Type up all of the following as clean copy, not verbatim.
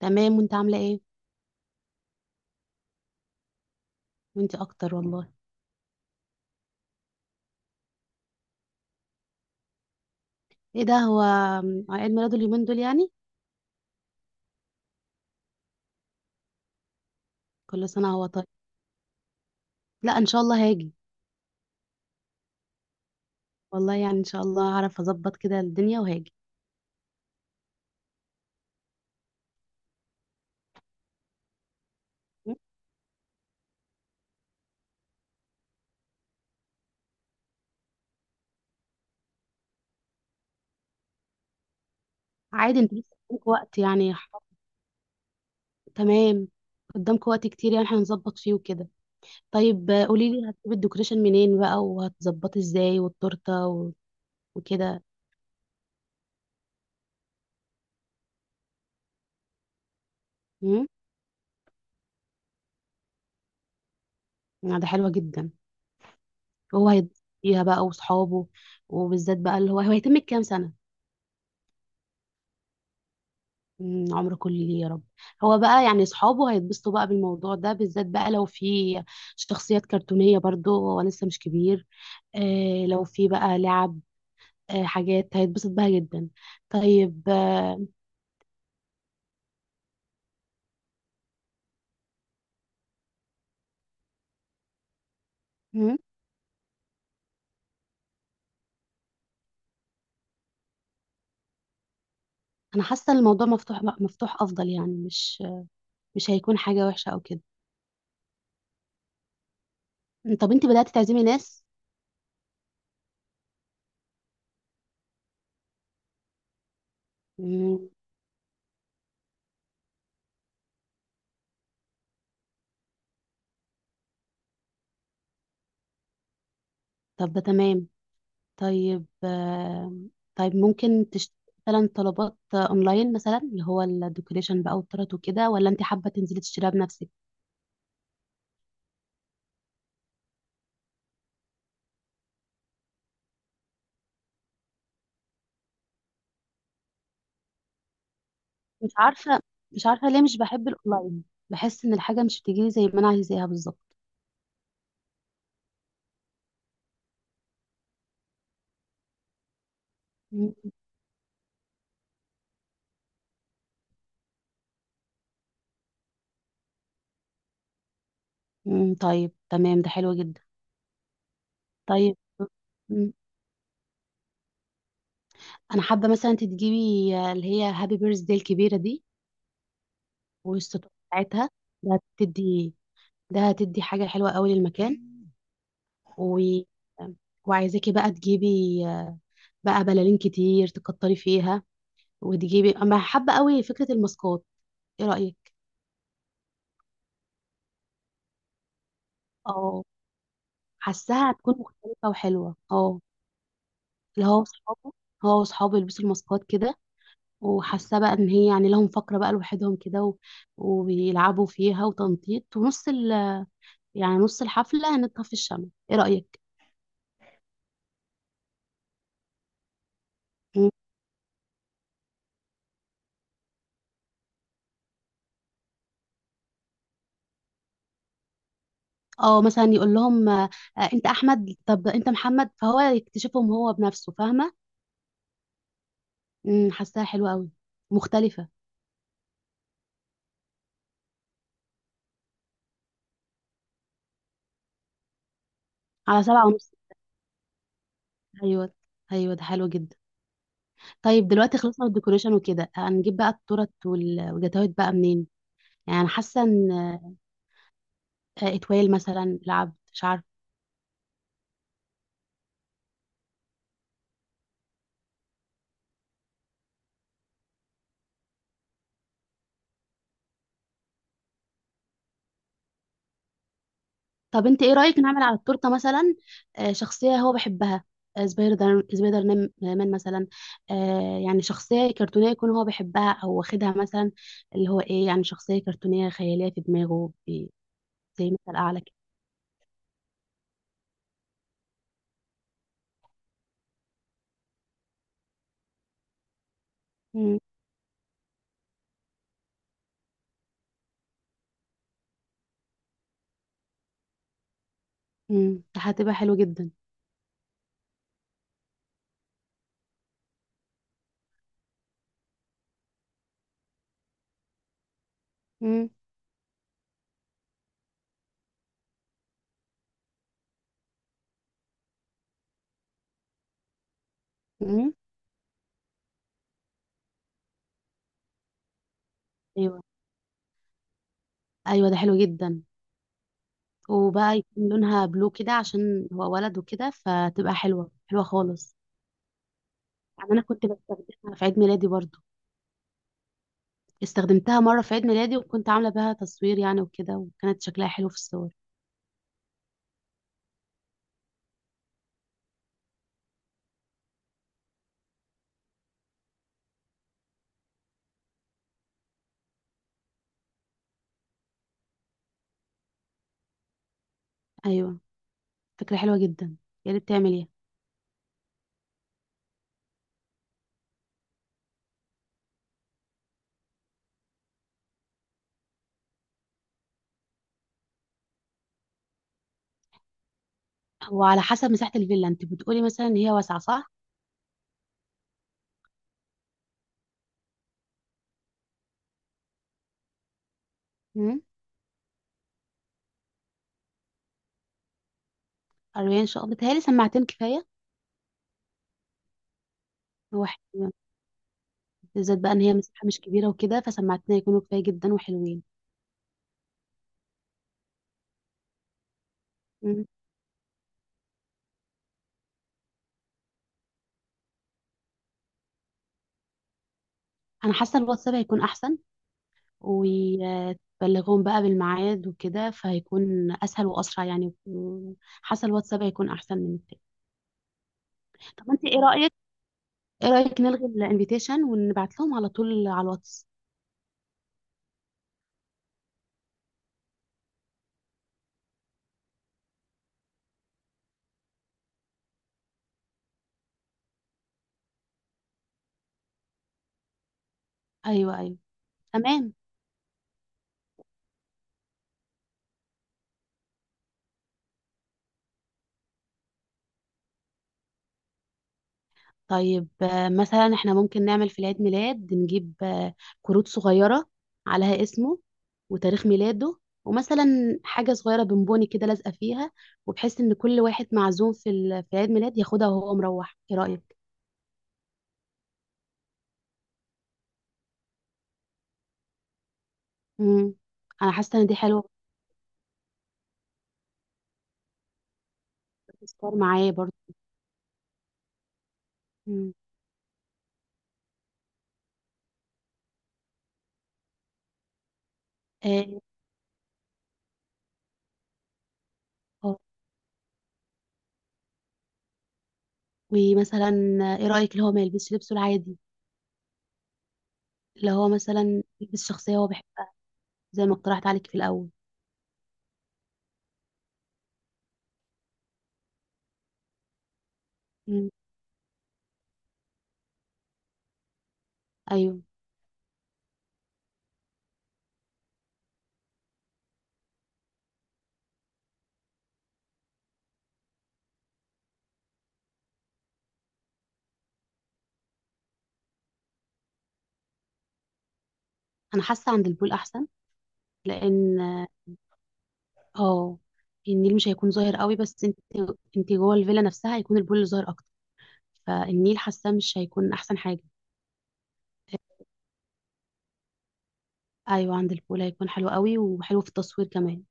تمام، وانت عاملة ايه؟ وانت اكتر والله. ايه ده؟ هو عيد ميلاده اليومين دول يعني؟ كل سنة هو طيب. لا، ان شاء الله هاجي. والله يعني ان شاء الله هعرف اظبط كده الدنيا وهاجي. م؟ عادي، انت لسه قدامك وقت يعني تمام. قدامك وقت كتير يعني هنظبط فيه وكده. طيب، قولي لي هتجيبي الديكوريشن منين بقى وهتظبطي ازاي والتورته وكده. امم ده حلوة جدا، وهو هيتبسط فيها بقى وصحابه، وبالذات بقى اللي هو هيتم كام سنة؟ عمر كله ليه يا رب. هو بقى يعني اصحابه هيتبسطوا بقى بالموضوع ده، بالذات بقى لو في شخصيات كرتونية برضو، هو لسه مش كبير. لو في بقى لعب، حاجات هيتبسط بها جدا. طيب مم، انا حاسة ان الموضوع مفتوح، مفتوح افضل، يعني مش هيكون حاجة وحشة او كده. طب انت بدأت تعزمي ناس؟ مم، طب ده تمام. طيب طيب ممكن تشتري مثلا طلبات اونلاين، مثلا اللي هو الديكوريشن بقى والطرط وكده، ولا انت حابه تنزلي تشتريها بنفسك؟ مش عارفه. مش عارفه ليه مش بحب الاونلاين، بحس ان الحاجه مش بتجيلي زي ما انا عايزاها بالظبط. مم. طيب تمام، ده حلو جدا. طيب. مم. انا حابه مثلا انت تجيبي اللي هي هابي بيرث داي الكبيره دي والستور بتاعتها. ده هتدي ده هتدي حاجه حلوه قوي للمكان و... وعايزاكي بقى تجيبي بقى بلالين كتير تكتري فيها، وتجيبي. اما حابه قوي فكره الماسكات، ايه رايك؟ اه، حاساها هتكون مختلفه وحلوه، اه. اللي هو وصحابه هو وصحابه يلبسوا الماسكات كده، وحاسه بقى ان هي يعني لهم فقره بقى لوحدهم كده وبيلعبوا فيها وتنطيط ونص يعني نص الحفله هنطفي الشمع. ايه رايك؟ مم. اه، مثلا يقول لهم انت احمد، طب انت محمد، فهو يكتشفهم هو بنفسه، فاهمه؟ حاساها حلوه قوي، مختلفه. على 7:30. ايوه، ايوه، ده حلو جدا. طيب دلوقتي خلصنا من الديكوريشن وكده، هنجيب بقى التورت والجاتوهات بقى منين؟ يعني أنا حاسه ان اتويل مثلا العبد، مش عارفه. طب انت ايه رايك نعمل على التورته مثلا شخصيه هو بيحبها؟ سبايدر مان مثلا. يعني شخصيه كرتونيه يكون هو بيحبها او واخدها مثلا، اللي هو ايه، يعني شخصيه كرتونيه خياليه في دماغه زي مثل اعلى كده. هتبقى حلو جدا. امم ايوه، ايوه، ده حلو جدا. وبقى يكون لونها بلو كده عشان هو ولد وكده، فتبقى حلوة حلوة خالص. يعني أنا كنت بستخدمها في عيد ميلادي برضو، استخدمتها مرة في عيد ميلادي وكنت عاملة بها تصوير يعني وكده، وكانت شكلها حلو في الصور. أيوة، فكرة حلوة جدا. يا ريت تعمليها. وعلى حسب مساحة الفيلا، أنت بتقولي مثلا إن هي واسعة، صح؟ امم 40 شقة بتهيألي سماعتين كفاية. هو حلو. بالذات بقى إن هي مساحة مش كبيرة وكده، فسماعتين هيكونوا كفاية جدا وحلوين. مم. أنا حاسة الواتساب هيكون أحسن، وتبلغهم بقى بالميعاد وكده، فهيكون اسهل واسرع يعني. حاسه الواتساب هيكون احسن من التاني. طب انت ايه رايك نلغي الانفيتيشن ونبعت لهم على طول على الواتس؟ ايوه، ايوه، تمام. طيب مثلا احنا ممكن نعمل في العيد ميلاد، نجيب كروت صغيره عليها اسمه وتاريخ ميلاده، ومثلا حاجه صغيره بونبوني كده لازقه فيها، وبحيث ان كل واحد معزوم في عيد ميلاد ياخدها وهو مروح، ايه رايك؟ امم انا حاسه ان دي حلوه، تذكار معاه برضه. مم. اه. آه. ومثلا ايه رأيك اللي هو ما يلبسش لبسه العادي، اللي هو مثلا يلبس شخصية هو بيحبها، زي ما اقترحت عليك في الأول. مم. ايوه. انا حاسة عند البول احسن، لان آه، النيل مش هيكون ظاهر قوي، بس انت جوه الفيلا نفسها هيكون البول اللي ظاهر اكتر، فالنيل حاسة مش هيكون احسن حاجة. آه، ايوه، عند البول هيكون حلو قوي وحلو في التصوير كمان.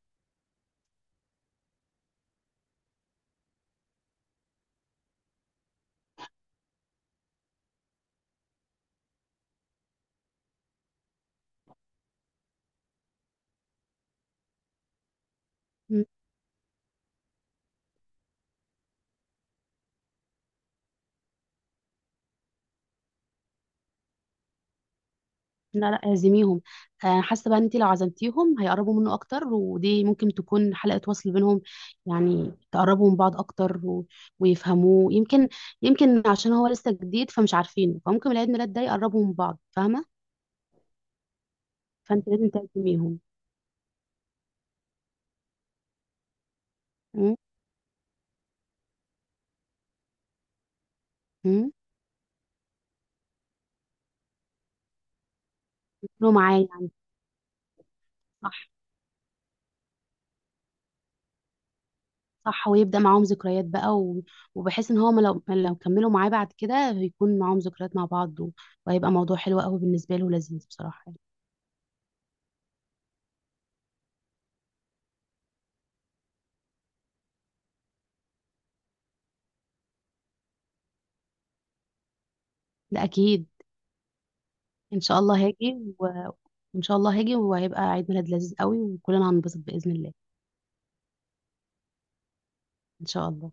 لا، لا، اعزميهم. حاسه بقى ان انت لو عزمتيهم هيقربوا منه اكتر، ودي ممكن تكون حلقه وصل بينهم، يعني تقربوا من بعض اكتر ويفهموه، يمكن عشان هو لسه جديد فمش عارفينه، فممكن العيد ميلاد ده يقربوا من بعض، فاهمه؟ فانت لازم تعزميهم. م- م- يكونوا معاه يعني. صح، صح، ويبدا معاهم ذكريات بقى وبحيث ان هو ما لو كملوا معاه بعد كده هيكون معاهم ذكريات مع بعض وهيبقى موضوع حلو قوي بالنسبه له ولذيذ بصراحه يعني. ده اكيد. ان شاء الله هاجي ان شاء الله هاجي وهيبقى عيد ميلاد لذيذ قوي وكلنا هننبسط باذن الله. ان شاء الله.